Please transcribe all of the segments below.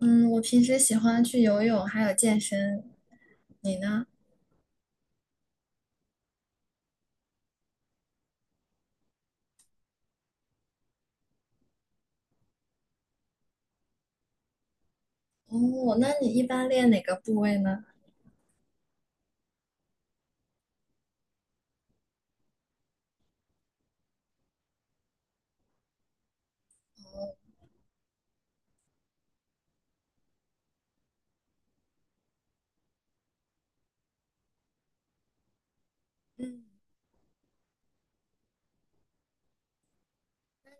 嗯，我平时喜欢去游泳，还有健身。你呢？哦，那你一般练哪个部位呢？嗯，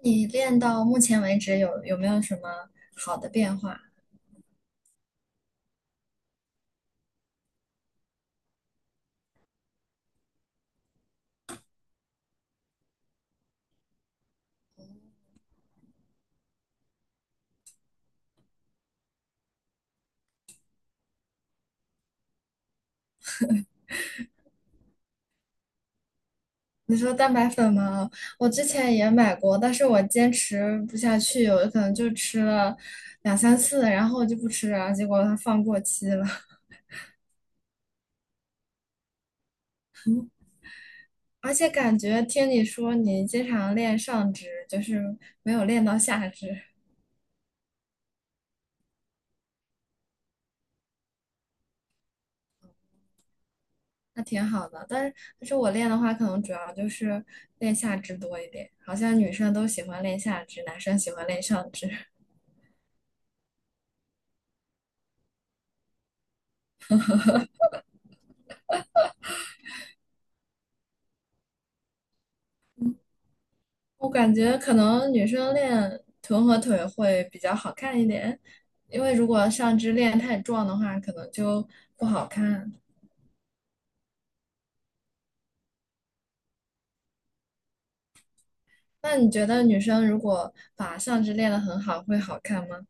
那你练到目前为止有没有什么好的变化？你说蛋白粉吗？我之前也买过，但是我坚持不下去，有可能就吃了2、3次，然后就不吃了，结果它放过期了。而且感觉听你说你经常练上肢，就是没有练到下肢。那挺好的，但是我练的话，可能主要就是练下肢多一点。好像女生都喜欢练下肢，男生喜欢练上肢。我感觉可能女生练臀和腿会比较好看一点，因为如果上肢练太壮的话，可能就不好看。那你觉得女生如果把上肢练得很好，会好看吗？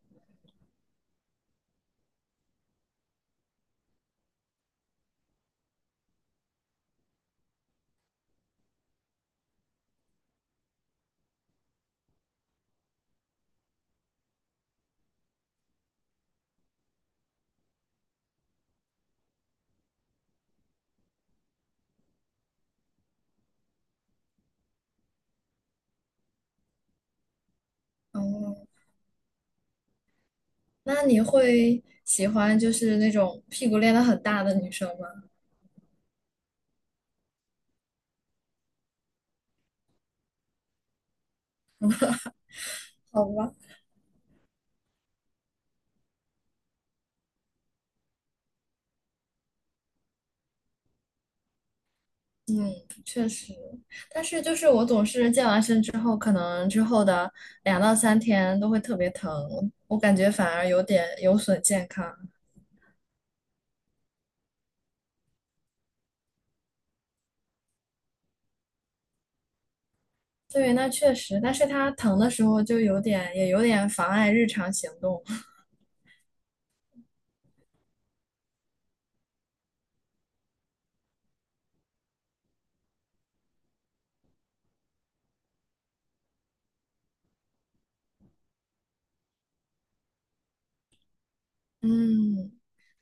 哦，那你会喜欢就是那种屁股练得很大的女生吗？好吧。嗯，确实，但是就是我总是健完身之后，可能之后的2到3天都会特别疼，我感觉反而有点有损健康。对，那确实，但是它疼的时候就有点，也有点妨碍日常行动。嗯，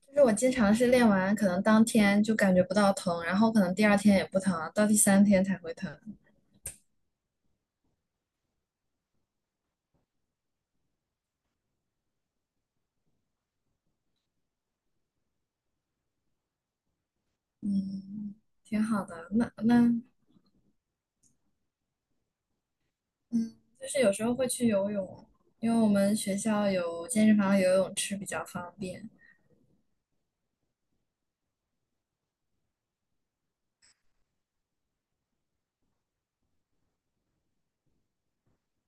就是我经常是练完，可能当天就感觉不到疼，然后可能第2天也不疼，到第3天才会疼。嗯，挺好的。那嗯，就是有时候会去游泳，因为我们学校有健身房、有游泳池比较方便。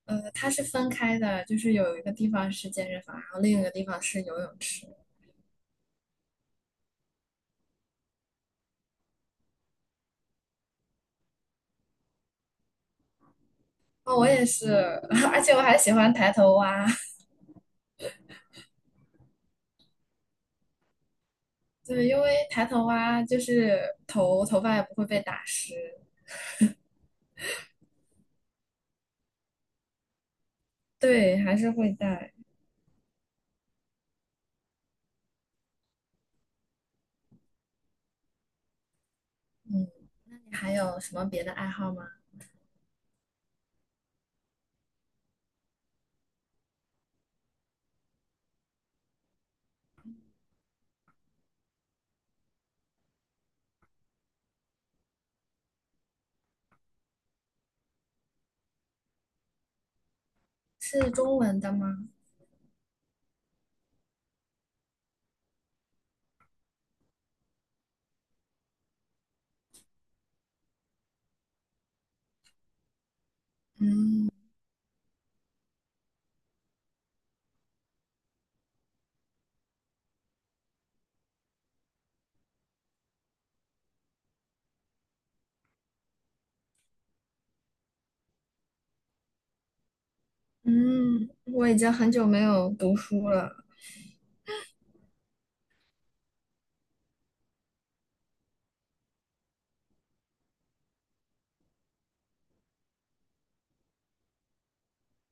呃，它是分开的，就是有一个地方是健身房，然后另一个地方是游泳池。哦，我也是，而且我还喜欢抬头蛙。对，因为抬头蛙就是头发也不会被打湿。对，还是会带。嗯，那你还有什么别的爱好吗？是中文的吗？嗯，嗯，我已经很久没有读书了。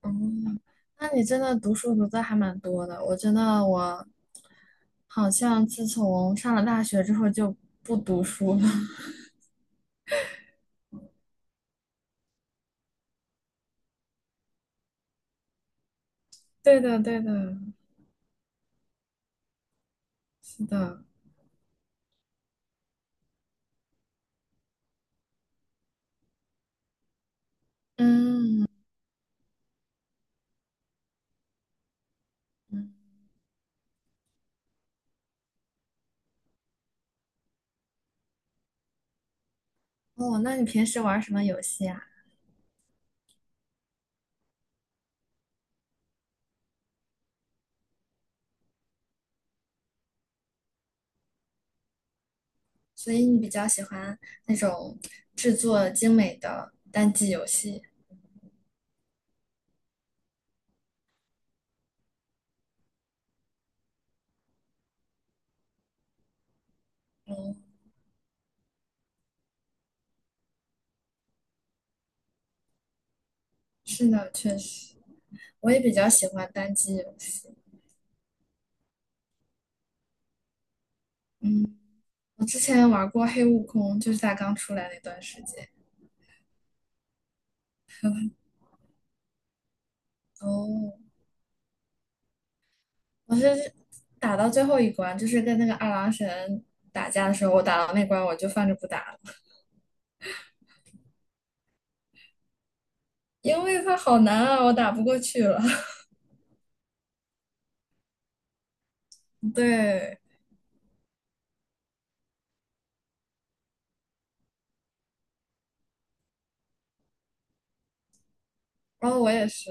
哦，那你真的读书读的还蛮多的。我觉得我好像自从上了大学之后就不读书了。对的，对的，是的。嗯，嗯，哦，那你平时玩什么游戏啊？所以你比较喜欢那种制作精美的单机游戏。嗯，是的，确实，我也比较喜欢单机游戏。嗯，我之前玩过《黑悟空》，就是它刚出来那段时间。哦。我是打到最后一关，就是跟那个二郎神打架的时候，我打到那关我就放着不打了，因为他好难啊，我打不过去了。对，然后我也是，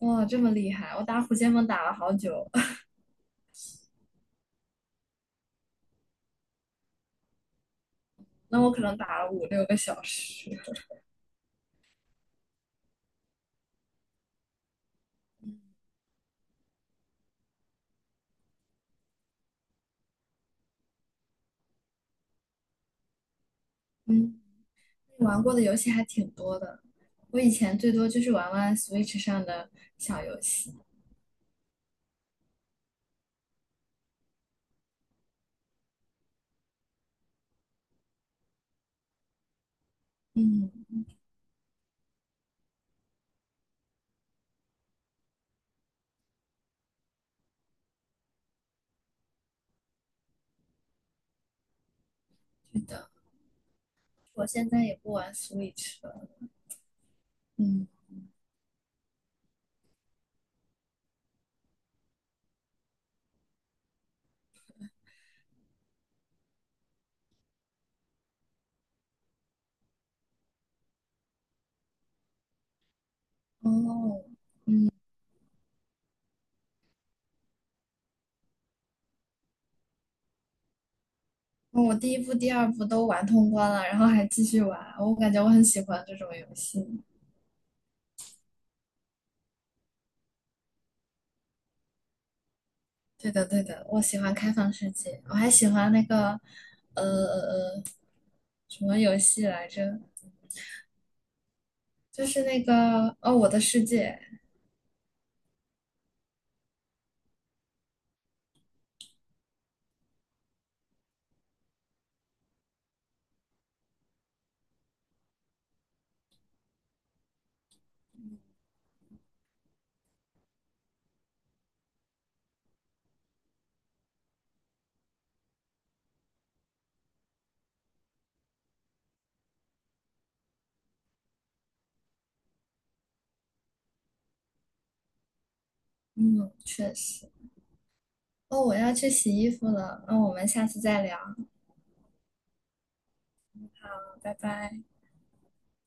哇，这么厉害！我打虎剑盟打了好久，那我可能打了5、6个小时。嗯，嗯，玩过的游戏还挺多的，我以前最多就是玩玩 Switch 上的小游戏。嗯，是的，我现在也不玩 Switch 了。嗯，哦。嗯，我第1部、第2部都玩通关了，然后还继续玩，我感觉我很喜欢这种游戏。对的，对的，我喜欢开放世界，我还喜欢那个，呃呃，呃，什么游戏来着？就是那个哦，《我的世界》。嗯，确实。哦，我要去洗衣服了，那我们下次再聊，拜拜。